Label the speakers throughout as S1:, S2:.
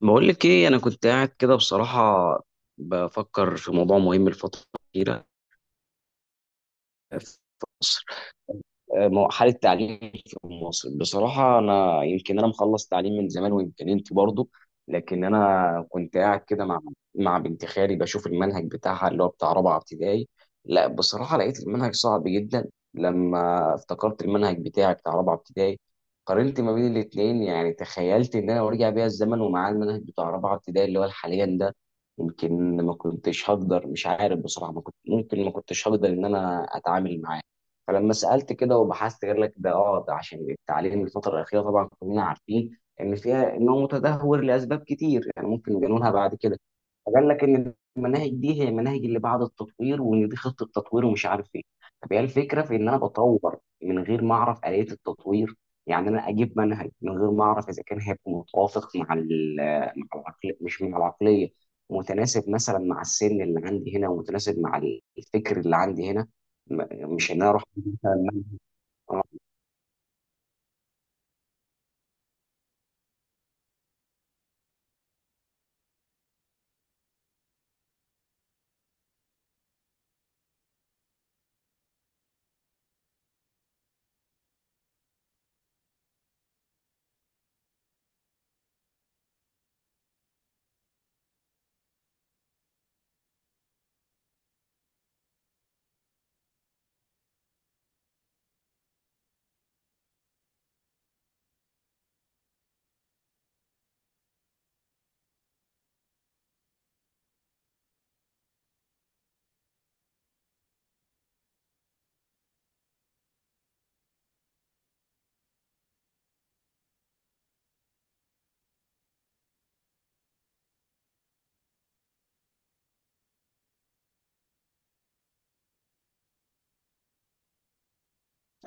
S1: بقول لك ايه، انا كنت قاعد كده بصراحه بفكر في موضوع مهم الفتره الاخيره. في مصر، حالة التعليم في مصر، بصراحة أنا يمكن أنا مخلص تعليم من زمان، ويمكن أنت برضه. لكن أنا كنت قاعد كده مع بنت خالي بشوف المنهج بتاعها اللي هو بتاع رابعة ابتدائي. لا بصراحة لقيت المنهج صعب جدا لما افتكرت المنهج بتاعي بتاع رابعة ابتدائي. قارنت ما بين الاتنين. يعني تخيلت إن أنا لو رجع بيا الزمن ومعاه المنهج بتاع رابعة ابتدائي اللي هو حاليا ده، يمكن ما كنتش هقدر، مش عارف بصراحة، ما كنت ممكن ما كنتش هقدر إن أنا أتعامل معاه. فلما سألت كده وبحثت قال لك ده، اه ده عشان التعليم الفترة الأخيرة طبعا كلنا عارفين إن فيها، إن هو متدهور لأسباب كتير يعني ممكن نجنونها بعد كده. فقال لك ان المناهج دي هي المناهج اللي بعد التطوير، وان دي خطه تطوير ومش عارف ايه. طب هي الفكره في ان انا بطور من غير ما اعرف اليه التطوير. يعني انا اجيب منهج من غير ما اعرف اذا كان هيبقى متوافق مع مع العقليه، مش مع العقليه، متناسب مثلا مع السن اللي عندي هنا، ومتناسب مع الفكر اللي عندي هنا. مش ان انا اروح أجيب مثلاً آه،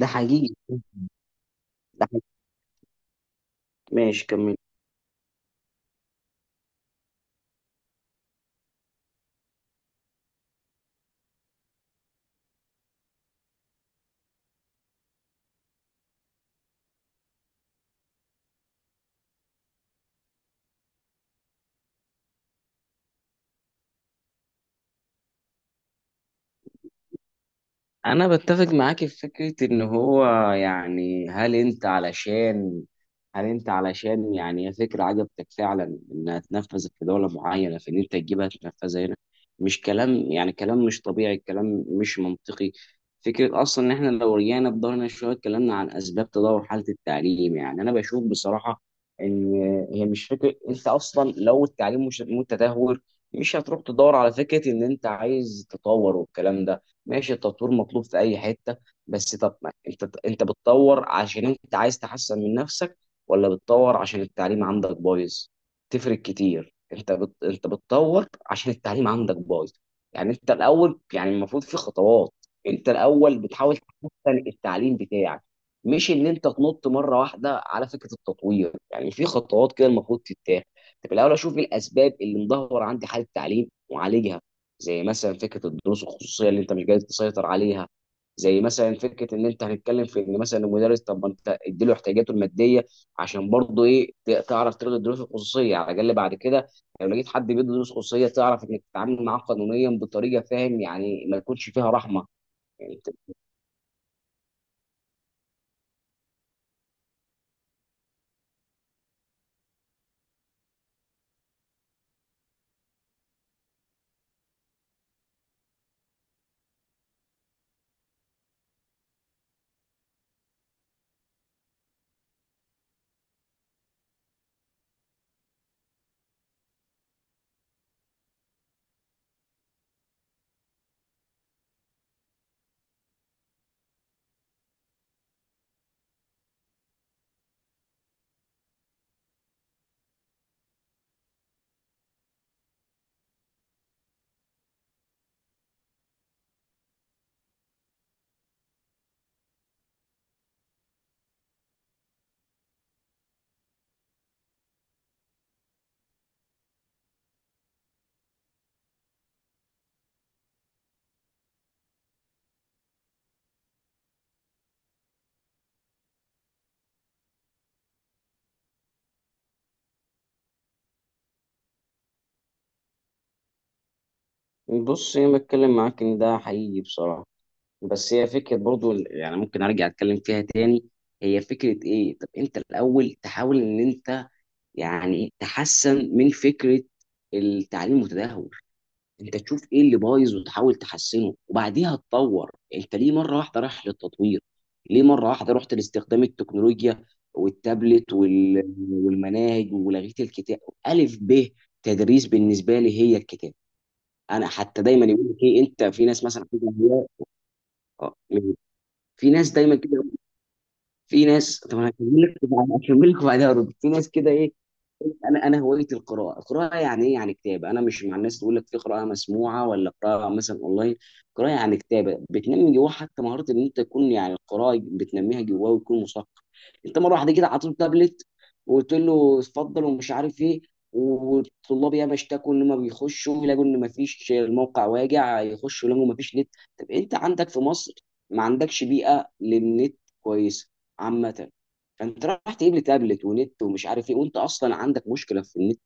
S1: ده حقيقي. ده حقيقي. ماشي، كمل. انا بتفق معاك في فكره ان هو، يعني هل انت علشان، يعني هي فكره عجبتك فعلا انها تنفذ في دوله معينه، فان انت تجيبها تنفذها هنا. مش كلام، يعني كلام مش طبيعي، كلام مش منطقي. فكره اصلا ان احنا لو رجعنا بدورنا شويه، اتكلمنا عن اسباب تدهور حاله التعليم. يعني انا بشوف بصراحه ان هي مش فكره. انت اصلا لو التعليم مش متدهور مش هتروح تدور على فكره ان انت عايز تطور والكلام ده. ماشي التطوير مطلوب في اي حته، بس طب ما انت، انت بتطور عشان انت عايز تحسن من نفسك ولا بتطور عشان التعليم عندك بايظ؟ تفرق كتير. انت بتطور عشان التعليم عندك بايظ. يعني انت الاول، يعني المفروض في خطوات. انت الاول بتحاول تحسن التعليم بتاعك، مش ان انت تنط مره واحده على فكره التطوير. يعني في خطوات كده المفروض تتاخد. طب الاول اشوف إيه الاسباب اللي مدهور عندي حال التعليم واعالجها. زي مثلا فكره الدروس الخصوصيه اللي انت مش قادر تسيطر عليها. زي مثلا فكره ان انت هنتكلم في ان مثلا المدرس، طب ما انت اديله احتياجاته الماديه عشان برضه ايه تعرف تلغي الدروس الخصوصيه على الاقل بعد كده. لو لقيت حد بيدي دروس خصوصيه تعرف انك تتعامل معاه قانونيا بطريقه، فاهم؟ يعني ما يكونش فيها رحمه. يعني بص انا بتكلم معاك ان ده حقيقي بصراحه. بس هي فكره برضه يعني ممكن ارجع اتكلم فيها تاني. هي فكره ايه، طب انت الاول تحاول ان انت، يعني تحسن من فكره التعليم المتدهور. انت تشوف ايه اللي بايظ وتحاول تحسنه وبعديها تطور. انت ليه مره واحده رايح للتطوير؟ ليه مره واحده رحت لاستخدام التكنولوجيا والتابلت والمناهج ولغيت الكتاب؟ الف ب تدريس بالنسبه لي هي الكتاب. انا حتى دايما يقول لك ايه، انت في ناس مثلا كده آه، في ناس دايما كده. في ناس، طب انا هكمل لك هكمل لك وبعدها ارد. في ناس كده ايه، انا هوايتي القراءه. القراءه يعني ايه؟ يعني كتابه. انا مش مع الناس تقول لك في قراءه مسموعه ولا قراءه مثلا اونلاين. قراءه يعني كتابه بتنمي جواه حتى مهاره ان انت تكون، يعني القراءه بتنميها جواه ويكون مثقف. انت مره واحده كده عطيته تابلت وقلت له اتفضل ومش عارف ايه. والطلاب ياما اشتكوا ان ما بيخشوا يلاقوا ان ما فيش الموقع، واجع يخشوا يلاقوا ما فيش نت. طب انت عندك في مصر ما عندكش بيئه للنت كويسه عامه، فانت راح تجيب لي تابلت ونت ومش عارف ايه وانت اصلا عندك مشكله في النت.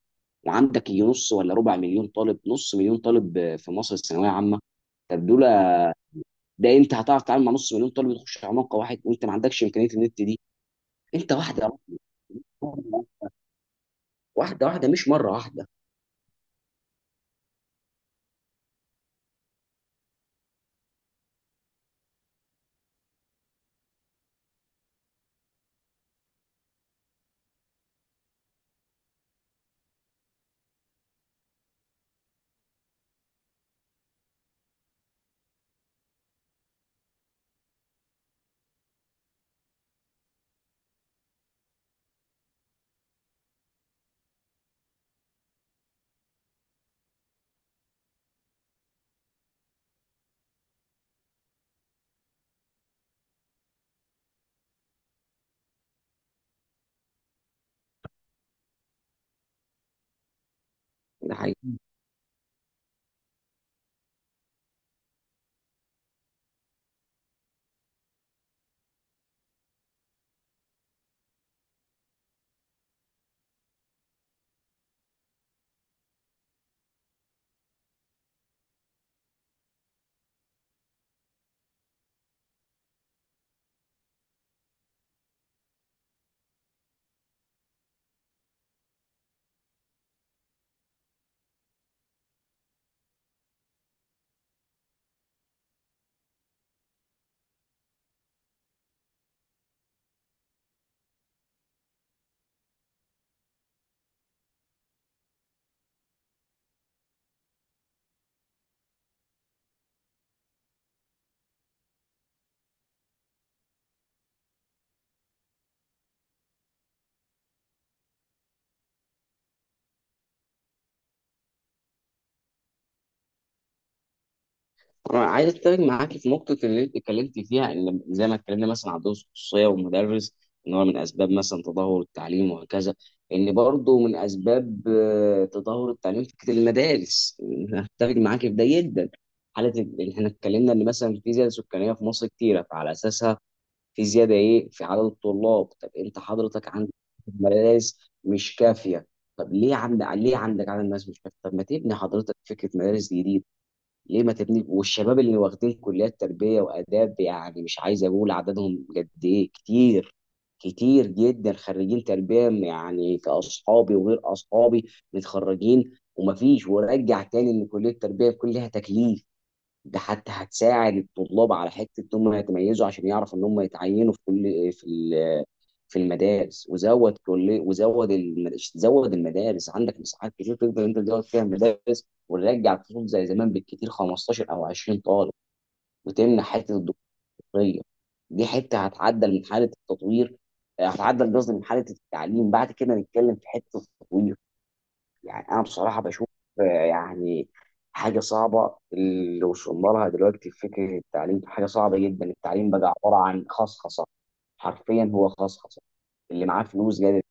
S1: وعندك يجي نص ولا ربع مليون طالب، نص مليون طالب آه، في مصر الثانويه عامه. طب دول، ده انت هتعرف تتعامل مع نص مليون طالب يخش على موقع واحد وانت ما عندكش امكانيه النت دي؟ انت واحده، واحده واحده، مش مره واحده. ده حقيقي. أنا عايز أتفق معاكي في نقطة اللي أنت اتكلمت فيها. إن زي ما اتكلمنا مثلا عن دروس خصوصية والمدرس إن هو من أسباب مثلا تدهور التعليم، وهكذا إن برضه من أسباب تدهور التعليم فكرة المدارس. أنا أتفق معاكي في ده جدا. إن إحنا اتكلمنا إن مثلا في زيادة سكانية في مصر كتيرة، فعلى أساسها في زيادة إيه في عدد الطلاب. طب أنت حضرتك عندك مدارس مش كافية. طب ليه عندك، ليه عندك عدد ناس مش كافية؟ طب ما تبني حضرتك فكرة مدارس جديدة. ليه ما تبني؟ والشباب اللي واخدين كليات تربيه واداب، يعني مش عايز اقول عددهم قد ايه، كتير، كتير جدا خريجين تربيه يعني، كاصحابي وغير اصحابي متخرجين. ومفيش، ورجع تاني ان كليه التربيه بيكون لها تكليف، ده حتى هتساعد الطلاب على حته ان هم يتميزوا عشان يعرفوا ان هم يتعينوا في كل، في في المدارس. وزود كليه وزود زود المدارس. عندك مساحات كتير تقدر انت تزود فيها المدارس. ونرجع الفصول زي زمان بالكتير 15 او 20 طالب، وتمنع حته الدكتوريه. دي حته هتعدل من حاله التطوير، آه، هتعدل قصدي من حاله التعليم. بعد كده نتكلم في حته التطوير. يعني انا بصراحه بشوف آه، يعني حاجه صعبه اللي وصلنا لها دلوقتي في فكره التعليم، حاجه صعبه جدا. التعليم بقى عباره عن خصخصه، حرفيا هو خصخصه. اللي معاه فلوس قادر.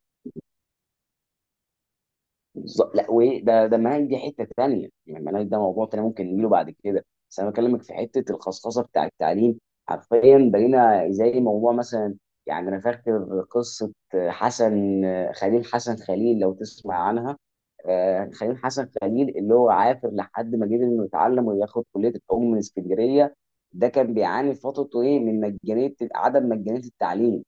S1: بالظبط، لا وايه ده، ده المناهج دي حته تانيه، يعني المناهج ده موضوع تاني ممكن نجيله بعد كده، بس انا بكلمك في حته الخصخصه بتاع التعليم. حرفيا بقينا زي موضوع مثلا، يعني انا فاكر قصه حسن خليل. حسن خليل لو تسمع عنها، آه، خليل حسن خليل اللي هو عافر لحد ما قدر انه يتعلم وياخد كليه العلوم من اسكندريه. ده كان بيعاني في فترته ايه من مجانيه، عدم مجانيه التعليم.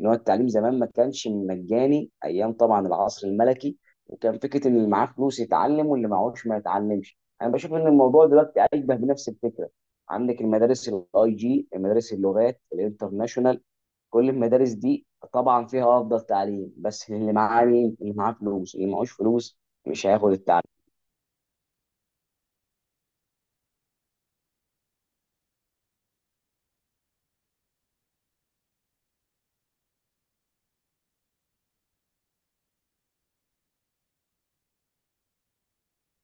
S1: ان هو التعليم زمان ما كانش مجاني ايام طبعا العصر الملكي. وكان فكره ان اللي معاه فلوس يتعلم واللي معهوش ما يتعلمش. انا بشوف ان الموضوع دلوقتي اشبه بنفس الفكره. عندك المدارس الاي جي، مدارس اللغات الانترناشونال، كل المدارس دي طبعا فيها افضل تعليم، بس اللي معاه مين؟ اللي معاه فلوس. اللي معهوش فلوس مش هياخد التعليم.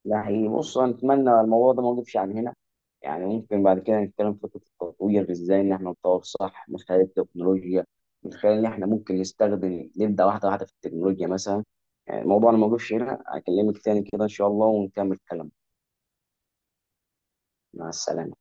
S1: ده حقيقي. بص نتمنى الموضوع ده ما وقفش عن هنا. يعني ممكن بعد كده نتكلم في فكرة التطوير ازاي ان احنا نطور صح، من خلال التكنولوجيا، من خلال ان احنا ممكن نستخدم، نبدأ واحدة واحدة في التكنولوجيا مثلا. يعني الموضوع أنا ما وقفش هنا، اكلمك تاني كده ان شاء الله ونكمل كلام. مع السلامة.